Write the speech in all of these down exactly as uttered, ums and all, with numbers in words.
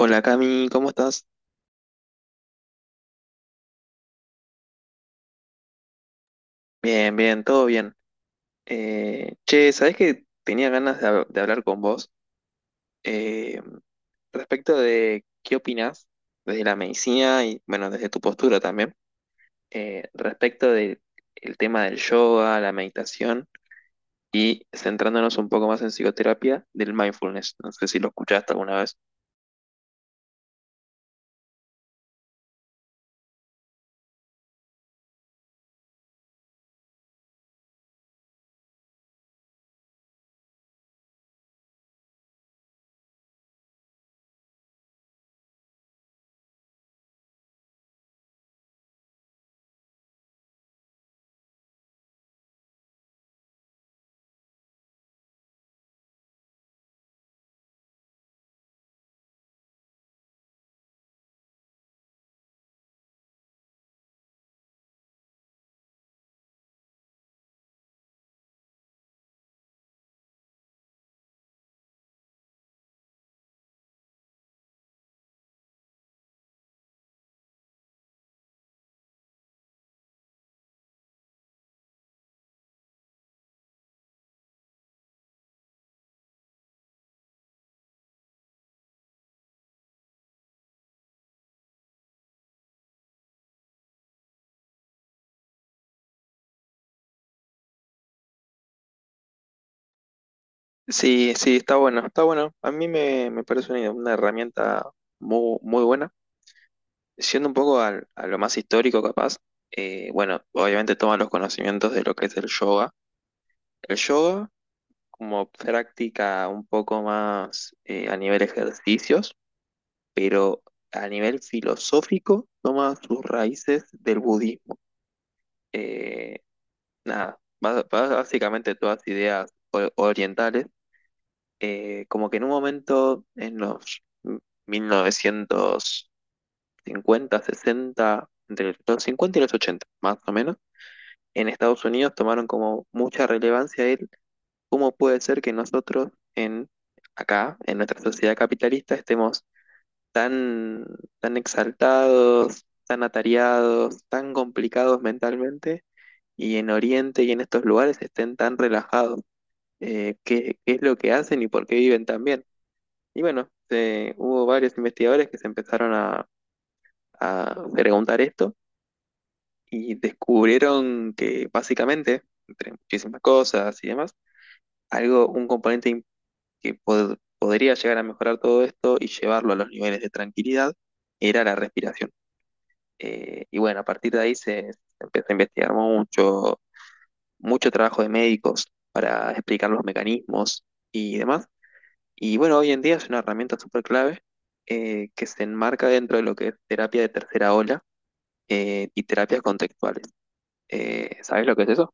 Hola Cami, ¿cómo estás? Bien, bien, todo bien. Eh, che, ¿sabés que tenía ganas de, hab- de hablar con vos eh, respecto de qué opinás desde la medicina y, bueno, desde tu postura también, eh, respecto del tema del yoga, la meditación y centrándonos un poco más en psicoterapia del mindfulness? No sé si lo escuchaste alguna vez. Sí, sí, está bueno, está bueno. A mí me, me parece una, una herramienta muy, muy buena. Siendo un poco al- a, lo más histórico capaz, eh, bueno, obviamente toma los conocimientos de lo que es el yoga. El yoga como práctica un poco más eh, a nivel ejercicios, pero a nivel filosófico toma sus raíces del budismo. Eh, nada, ba- ba- básicamente todas ideas o- orientales, eh, como que en un momento en los mil novecientos cincuenta, sesenta, entre los cincuenta y los ochenta, más o menos en Estados Unidos tomaron como mucha relevancia el cómo puede ser que nosotros en acá, en nuestra sociedad capitalista, estemos tan, tan exaltados, tan atareados, tan complicados mentalmente, y en Oriente y en estos lugares estén tan relajados. Eh, ¿qué, qué es lo que hacen y por qué viven tan bien? Y bueno, se- hubo varios investigadores que se empezaron a, a preguntar esto y descubrieron que básicamente, entre muchísimas cosas y demás, algo, un componente im- que pod- podría llegar a mejorar todo esto y llevarlo a los niveles de tranquilidad era la respiración. Eh, y bueno, a partir de ahí se, se empezó a investigar mucho, mucho trabajo de médicos para explicar los mecanismos y demás. Y bueno, hoy en día es una herramienta súper clave eh, que se enmarca dentro de lo que es terapia de tercera ola eh, y terapias contextuales. Eh, ¿sabes lo que es eso?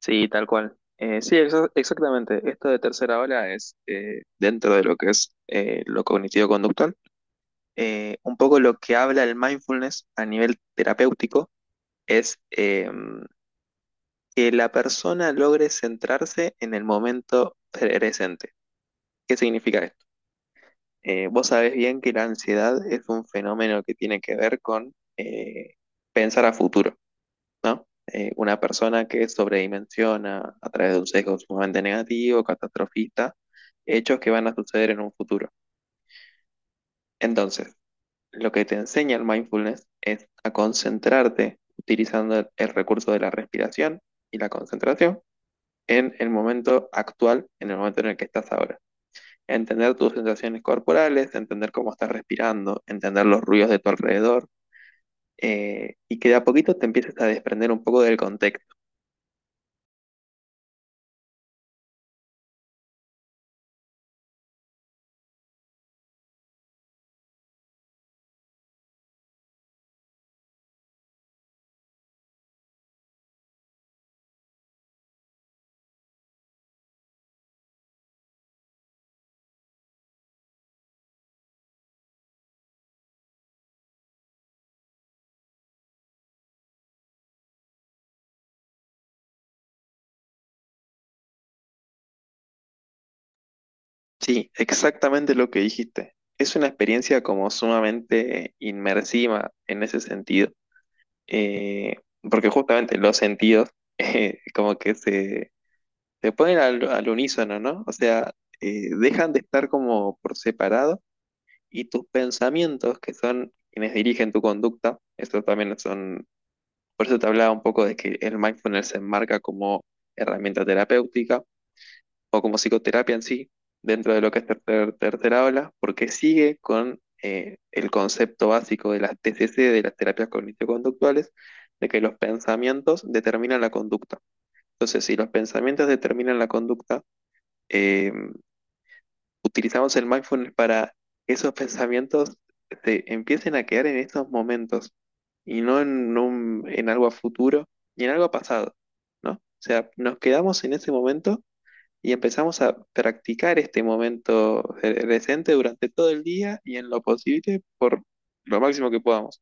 Sí, tal cual. Eh, sí, exa- exactamente. Esto de tercera ola es, eh, dentro de lo que es eh, lo cognitivo-conductual, eh, un poco lo que habla el mindfulness a nivel terapéutico es eh, que la persona logre centrarse en el momento presente. ¿Qué significa esto? Eh, vos sabés bien que la ansiedad es un fenómeno que tiene que ver con eh, pensar a futuro. ¿No? Eh, una persona que sobredimensiona a través de un sesgo sumamente negativo, catastrofista, hechos que van a suceder en un futuro. Entonces, lo que te enseña el mindfulness es a concentrarte utilizando el, el recurso de la respiración y la concentración en el momento actual, en el momento en el que estás ahora. Entender tus sensaciones corporales, entender cómo estás respirando, entender los ruidos de tu alrededor eh, y que de a poquito te empieces a desprender un poco del contexto. Sí, exactamente lo que dijiste. Es una experiencia como sumamente inmersiva en ese sentido. Eh, porque justamente los sentidos eh, como que se, se ponen al, al unísono, ¿no? O sea, eh, dejan de estar como por separado y tus pensamientos, que son quienes dirigen tu conducta, eso también son, por eso te hablaba un poco de que el mindfulness se enmarca como herramienta terapéutica o como psicoterapia en sí, dentro de lo que es tercer- tercera ola, porque sigue con eh, el concepto básico de las T C C, de las terapias cognitivo-conductuales, de que los pensamientos determinan la conducta. Entonces, si los pensamientos determinan la conducta, eh, utilizamos el mindfulness para que esos pensamientos se empiecen a quedar en estos momentos y no en, un- en algo a futuro ni en algo a pasado, ¿no? O sea, nos quedamos en ese momento y empezamos a practicar este momento presente durante todo el día y en lo posible por lo máximo que podamos.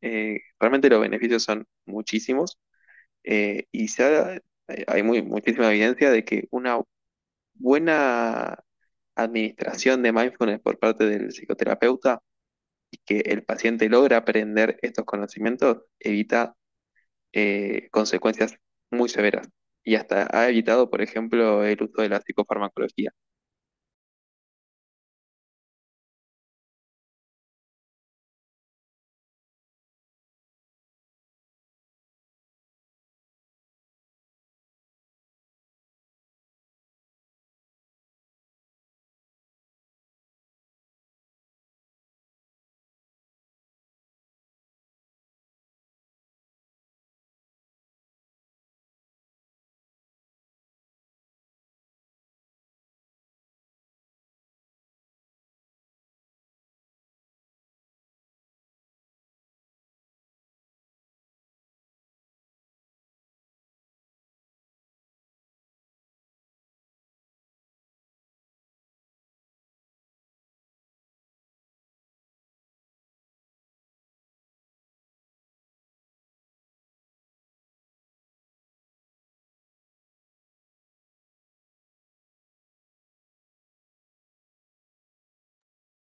Eh, realmente los beneficios son muchísimos eh, y se ha- eh, hay muy, muchísima evidencia de que una buena administración de mindfulness por parte del psicoterapeuta y que el paciente logra aprender estos conocimientos evita eh, consecuencias muy severas y hasta ha evitado, por ejemplo, el uso de la psicofarmacología.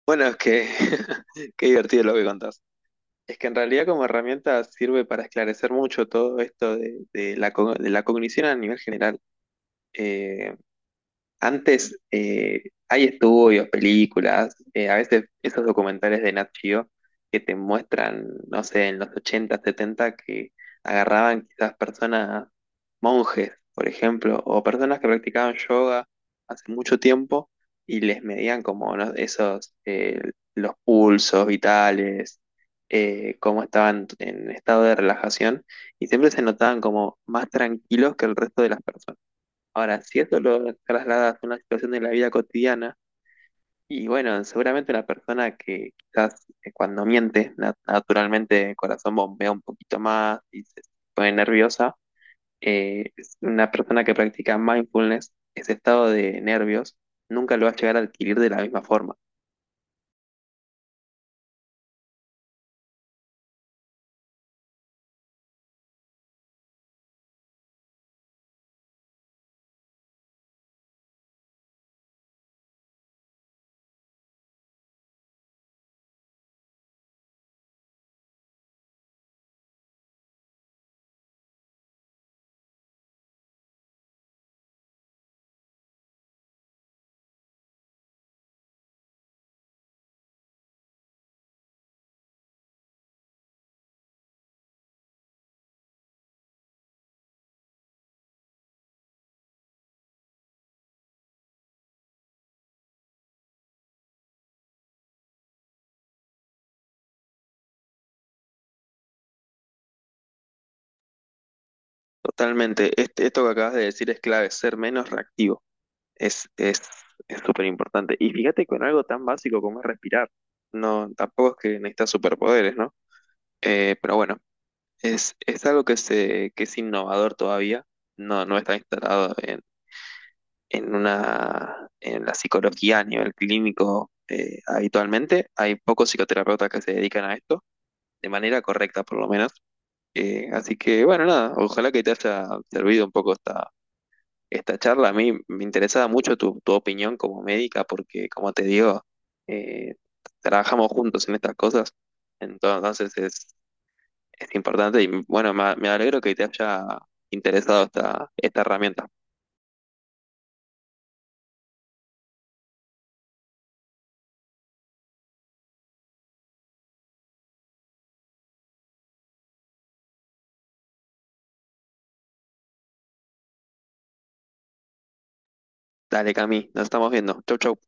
Bueno, es que qué divertido lo que contás. Es que en realidad como herramienta sirve para esclarecer mucho todo esto de, de la, co- de la cognición a nivel general. eh, antes eh, hay estudios, películas, eh, a veces esos documentales de Nat Geo que te muestran, no sé, en los ochenta, setenta que agarraban quizás personas, monjes, por ejemplo, o personas que practicaban yoga hace mucho tiempo y les medían, como ¿no?, esos, eh, los pulsos vitales, eh, cómo estaban en estado de relajación y siempre se notaban como más tranquilos que el resto de las personas. Ahora, si eso lo trasladas a una situación de la vida cotidiana, y bueno, seguramente una persona que quizás eh, cuando miente, na- naturalmente el corazón bombea un poquito más y se pone nerviosa, eh, es una persona que practica mindfulness, ese estado de nervios, nunca lo va a llegar a adquirir de la misma forma. Totalmente. Este- esto que acabas de decir es clave, ser menos reactivo. Es, es, es súper importante. Y fíjate con algo tan básico como es respirar. No, tampoco es que necesitas superpoderes, ¿no? Eh, pero bueno, es, es algo que, se, que es innovador todavía, no, no está instalado en, en, una, en la psicología a nivel clínico eh, habitualmente. Hay pocos psicoterapeutas que se dedican a esto, de manera correcta por lo menos. Eh, así que bueno, nada, ojalá que te haya servido un poco esta, esta charla. A mí me interesaba mucho tu, tu opinión como médica, porque como te digo, eh, trabajamos juntos en estas cosas. Entonces es importante y bueno, me, me alegro que te haya interesado esta, esta herramienta. Dale, Cami, nos estamos viendo. Chau, chau.